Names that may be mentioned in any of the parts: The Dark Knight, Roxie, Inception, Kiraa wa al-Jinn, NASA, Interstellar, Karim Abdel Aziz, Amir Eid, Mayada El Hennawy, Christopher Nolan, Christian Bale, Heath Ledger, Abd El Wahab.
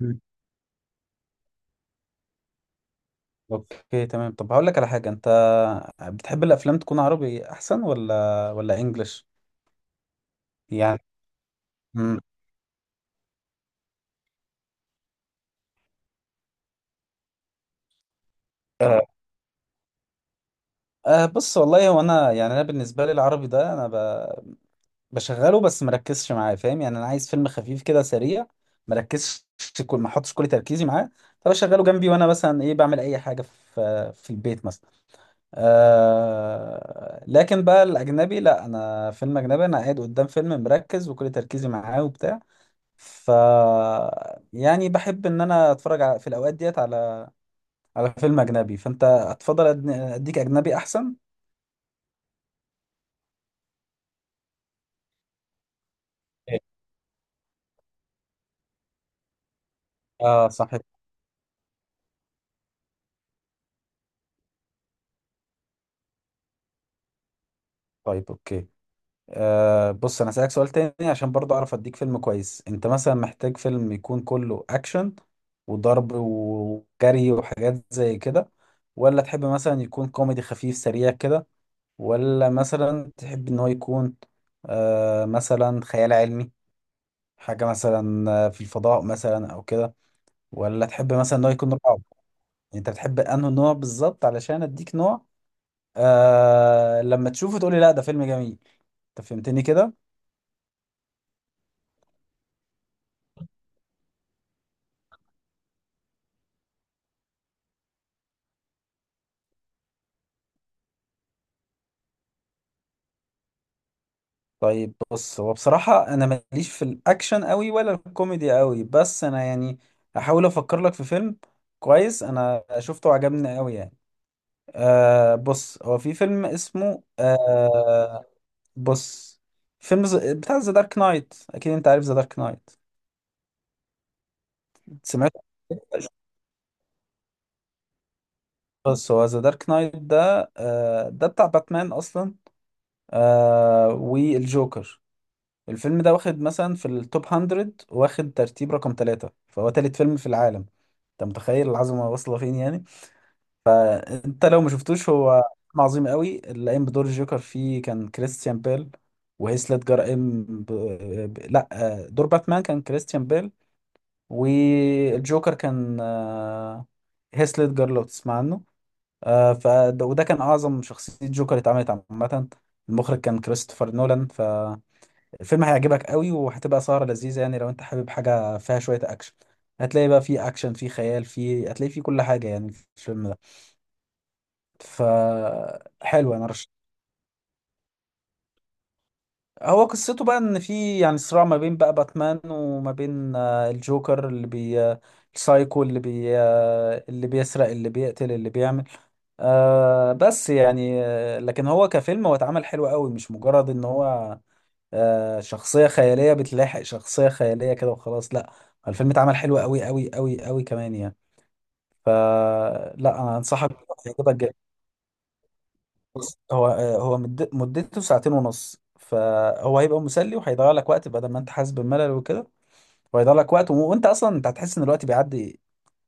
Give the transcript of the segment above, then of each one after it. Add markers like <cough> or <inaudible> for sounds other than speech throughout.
مم. اوكي تمام، طب هقول لك على حاجه. انت بتحب الافلام تكون عربي احسن ولا انجلش؟ يعني مم. آه بص، والله هو انا يعني انا بالنسبه لي العربي ده انا بشغله بس مركزش معاه، فاهم؟ يعني انا عايز فيلم خفيف كده سريع مركزش، كل ما احطش كل تركيزي معاه. فبشغله جنبي وانا مثلا ايه بعمل اي حاجه في البيت مثلا. آه لكن بقى الاجنبي لا، انا فيلم اجنبي انا قاعد قدام فيلم مركز وكل تركيزي معاه وبتاع. ف يعني بحب ان انا في الاوقات ديت على على فيلم اجنبي. فانت هتفضل اديك اجنبي احسن. إيه. اه صح، طيب اوكي. بص انا هسألك سؤال تاني عشان برضه اعرف اديك فيلم كويس. انت مثلا محتاج فيلم يكون كله اكشن وضرب وجري وحاجات زي كده؟ ولا تحب مثلا يكون كوميدي خفيف سريع كده؟ ولا مثلا تحب ان هو يكون مثلا خيال علمي، حاجة مثلا في الفضاء مثلا او كده؟ ولا تحب مثلا ان هو يكون رعب؟ يعني انت بتحب انه نوع بالظبط علشان اديك نوع لما تشوفه تقولي لا ده فيلم جميل، انت فهمتني كده؟ طيب بص هو بصراحة انا ماليش في الاكشن قوي ولا الكوميدي قوي، بس انا يعني هحاول افكر لك في فيلم كويس انا شفته وعجبني قوي يعني. بص هو في فيلم اسمه آه بص فيلم بتاع ذا دارك نايت. اكيد انت عارف ذا دارك نايت. سمعت. بس هو ذا دارك نايت ده ده بتاع باتمان اصلا، والجوكر. الفيلم ده واخد مثلا في التوب 100، واخد ترتيب رقم ثلاثة، فهو تالت فيلم في العالم. انت متخيل العظمة واصلة فين يعني؟ انت لو ما شفتوش، هو فيلم عظيم قوي. اللي قايم بدور الجوكر فيه كان كريستيان بيل وهيث ليدجر قايم لا، دور باتمان كان كريستيان بيل، والجوكر كان هيث ليدجر لو تسمع عنه. آه ف وده كان اعظم شخصيه جوكر اتعملت عامه. المخرج كان كريستوفر نولان. فالفيلم هيعجبك قوي وهتبقى سهره لذيذه يعني. لو انت حابب حاجه فيها شويه اكشن، هتلاقي بقى فيه اكشن، فيه خيال، فيه هتلاقي فيه كل حاجه يعني في الفيلم ده. ف حلو انا رش هو قصته بقى ان في يعني صراع ما بين بقى باتمان وما بين الجوكر اللي بي آه، السايكو اللي بي آه، اللي بيسرق اللي بيقتل اللي بيعمل، بس يعني لكن هو كفيلم هو اتعمل حلو قوي، مش مجرد ان هو شخصية خيالية بتلاحق شخصية خيالية كده وخلاص، لا. الفيلم اتعمل حلو قوي قوي قوي قوي كمان يعني. فلا انا انصحك بيه، هيعجبك جدا. بص، هو آه هو مد- مدته ساعتين ونص، فهو هيبقى مسلي وهيضيع لك وقت بدل ما انت حاسس بالملل وكده. وهيضيع لك وقت وانت اصلا انت هتحس ان الوقت بيعدي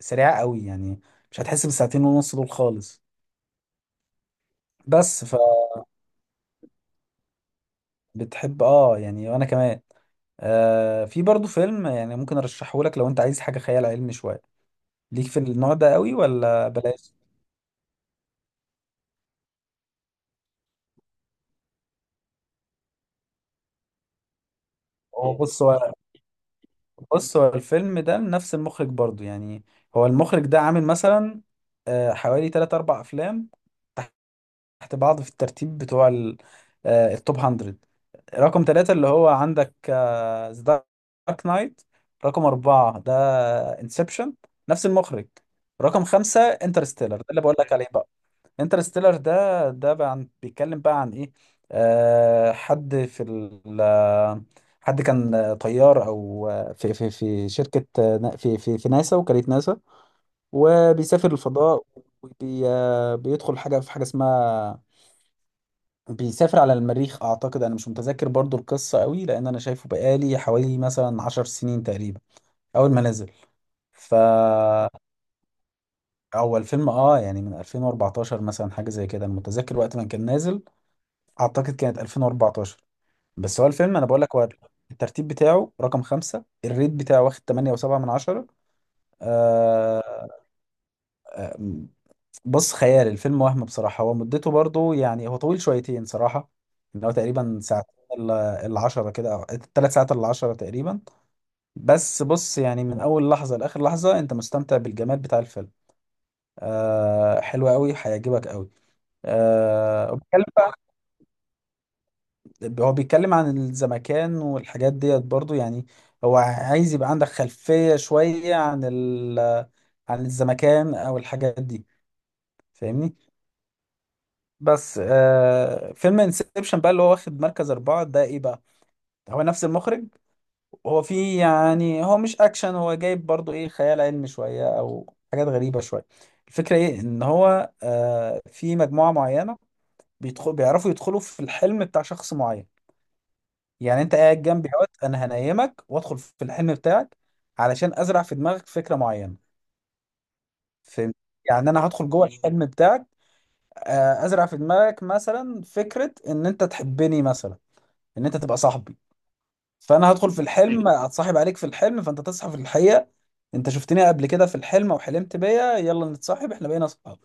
سريع قوي يعني، مش هتحس بالساعتين ونص دول خالص. بس فبتحب اه يعني وانا كمان. في برضو فيلم يعني ممكن ارشحه لك لو انت عايز حاجه خيال علمي شويه. ليك في النوع ده قوي ولا بلاش؟ هو بص هو هو الفيلم ده نفس المخرج برضو يعني. هو المخرج ده عامل مثلا حوالي 3 4 افلام تحت بعض في الترتيب بتوع التوب 100. رقم ثلاثة اللي هو عندك ذا دارك نايت، رقم أربعة ده انسبشن نفس المخرج، رقم خمسة انترستيلر ده اللي بقول لك عليه بقى. انترستيلر ده بقى عن بيتكلم بقى عن ايه؟ حد في ال آه، حد كان طيار او في شركه في ناسا، وكاله ناسا، وبيسافر الفضاء، وبي آه، بيدخل حاجه في حاجه اسمها بيسافر على المريخ. اعتقد انا مش متذكر برضو القصه قوي لان انا شايفه بقالي حوالي مثلا عشر سنين تقريبا، اول ما نزل. ف اول فيلم اه يعني من 2014 مثلا حاجه زي كده انا متذكر وقت ما كان نازل، اعتقد كانت 2014. بس هو الفيلم انا بقول لك هو الترتيب بتاعه رقم خمسة، الريت بتاعه واخد 8.7 من عشرة. آه بص خيال الفيلم وهم. بصراحة هو مدته برضو يعني هو طويل شويتين صراحة، ان هو تقريبا ساعتين الا إلا عشرة كده او ثلاث ساعات الا عشرة تقريبا. بس بص يعني من اول لحظة لاخر لحظة انت مستمتع بالجمال بتاع الفيلم. حلو قوي هيعجبك قوي. آه وبتكلم هو بيتكلم عن الزمكان والحاجات ديت برضو يعني. هو عايز يبقى عندك خلفية شوية عن عن الزمكان أو الحاجات دي، فاهمني. بس فيلم انسبشن بقى اللي هو واخد مركز أربعة ده إيه بقى؟ هو نفس المخرج، هو فيه يعني هو مش أكشن، هو جايب برضو إيه خيال علمي شوية أو حاجات غريبة شوية. الفكرة إيه إن هو في مجموعة معينة بيدخل بيعرفوا يدخلوا في الحلم بتاع شخص معين. يعني انت قاعد جنبي اهوت، انا هنيمك وادخل في الحلم بتاعك علشان ازرع في دماغك فكره معينه، فهمت؟ يعني انا هدخل جوه الحلم بتاعك، ازرع في دماغك مثلا فكره ان انت تحبني مثلا، ان انت تبقى صاحبي. فانا هدخل في الحلم اتصاحب عليك في الحلم، فانت تصحى في الحقيقه انت شفتني قبل كده في الحلم وحلمت بيا، يلا نتصاحب، احنا بقينا اصحاب.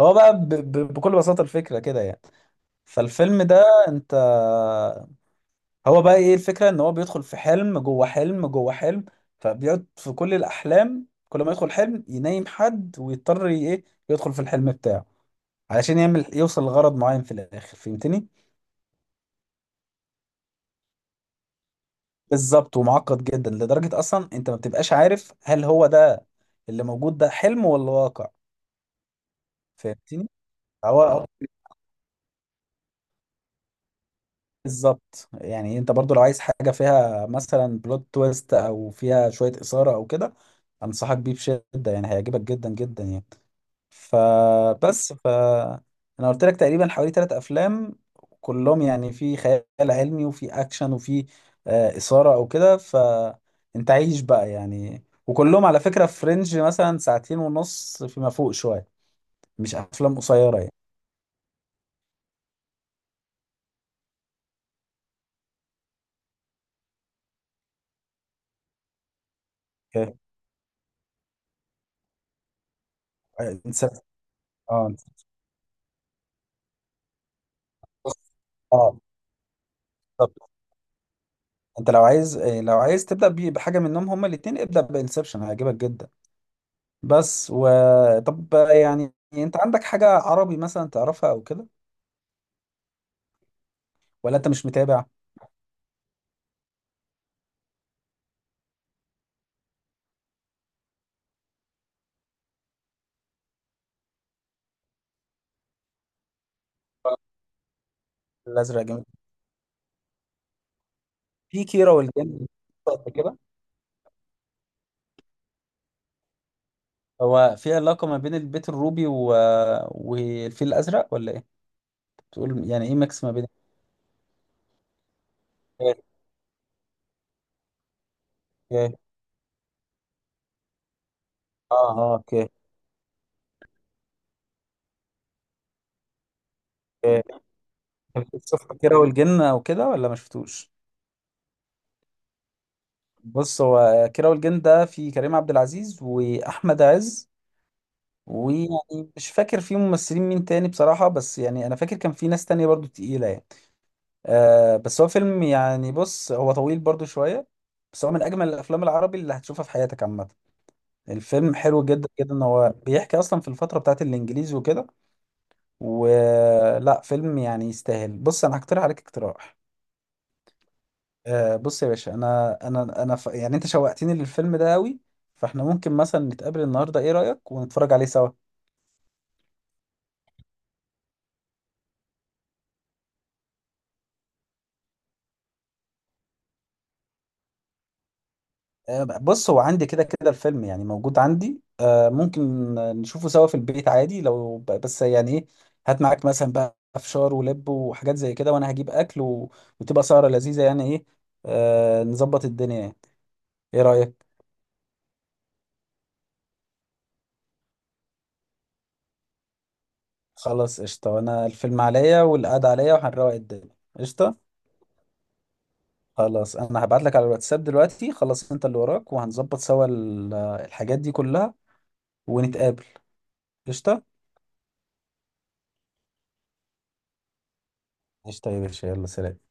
هو بقى بكل بساطه الفكره كده يعني. فالفيلم ده انت، هو بقى ايه الفكرة ان هو بيدخل في حلم جوه حلم جوه حلم، فبيقعد في كل الاحلام كل ما يدخل حلم ينام حد ويضطر ايه يدخل في الحلم بتاعه علشان يعمل يوصل لغرض معين في الاخر، فهمتني؟ بالظبط، ومعقد جدا لدرجة اصلا انت ما بتبقاش عارف هل هو ده اللي موجود ده حلم ولا واقع. فهمتني. هو هو بالظبط. يعني انت برضو لو عايز حاجة فيها مثلا بلوت تويست او فيها شوية اثارة او كده، انصحك بيه بشدة يعني هيعجبك جدا جدا يعني. فبس ف انا قلت لك تقريبا حوالي ثلاث افلام كلهم يعني في خيال علمي وفي اكشن وفي اثاره او كده، فانت عايش بقى يعني. وكلهم على فكره في رينج مثلا ساعتين ونص فيما فوق شويه، مش افلام قصيره يعني. اوكي. انت اه اه بالظبط. انت لو عايز لو عايز تبدا بحاجه منهم، هما الاثنين ابدا بانسبشن هيعجبك جدا. بس و طب يعني انت عندك حاجه عربي مثلا تعرفها او كده؟ ولا انت مش متابع؟ الازرق جامد. في كيرة والجن؟ قد كده. هو في علاقة ما بين البيت الروبي و... والفيل الازرق ولا ايه؟ بتقول يعني ايه ميكس ما بين؟ <laughs> اوكي. اوكي. اه اه اوكي. اوكي. انت بتشوف كيرة والجن او كده ولا ما شفتوش؟ بص هو كيرة والجن ده في كريم عبد العزيز واحمد عز، ويعني مش فاكر فيه ممثلين مين تاني بصراحة، بس يعني انا فاكر كان في ناس تانية برضو تقيلة يعني. بس هو فيلم يعني بص هو طويل برضو شوية، بس هو من أجمل الأفلام العربي اللي هتشوفها في حياتك عامة. الفيلم حلو جدا جدا إن هو بيحكي أصلا في الفترة بتاعت الإنجليز وكده. ولا فيلم يعني يستاهل، بص أنا هقترح عليك اقتراح. بص يا باشا، أنا أنا يعني أنت شوقتني للفيلم ده أوي، فإحنا ممكن مثلا نتقابل النهاردة، إيه رأيك؟ ونتفرج عليه سوا. بص هو عندي كده كده الفيلم يعني موجود عندي، ممكن نشوفه سوا في البيت عادي. لو بس يعني ايه، هات معاك مثلا بقى فشار ولب وحاجات زي كده، وانا هجيب اكل و... وتبقى سهرة لذيذة يعني ايه، نظبط الدنيا يعني. ايه رأيك؟ خلاص قشطة، وانا الفيلم عليا والقعدة عليا وهنروق الدنيا. قشطة. خلاص انا هبعت لك على الواتساب دلوقتي خلاص، انت اللي وراك وهنظبط سوا الحاجات دي كلها ونتقابل. قشطة. قشطة يا باشا، يلا سلام.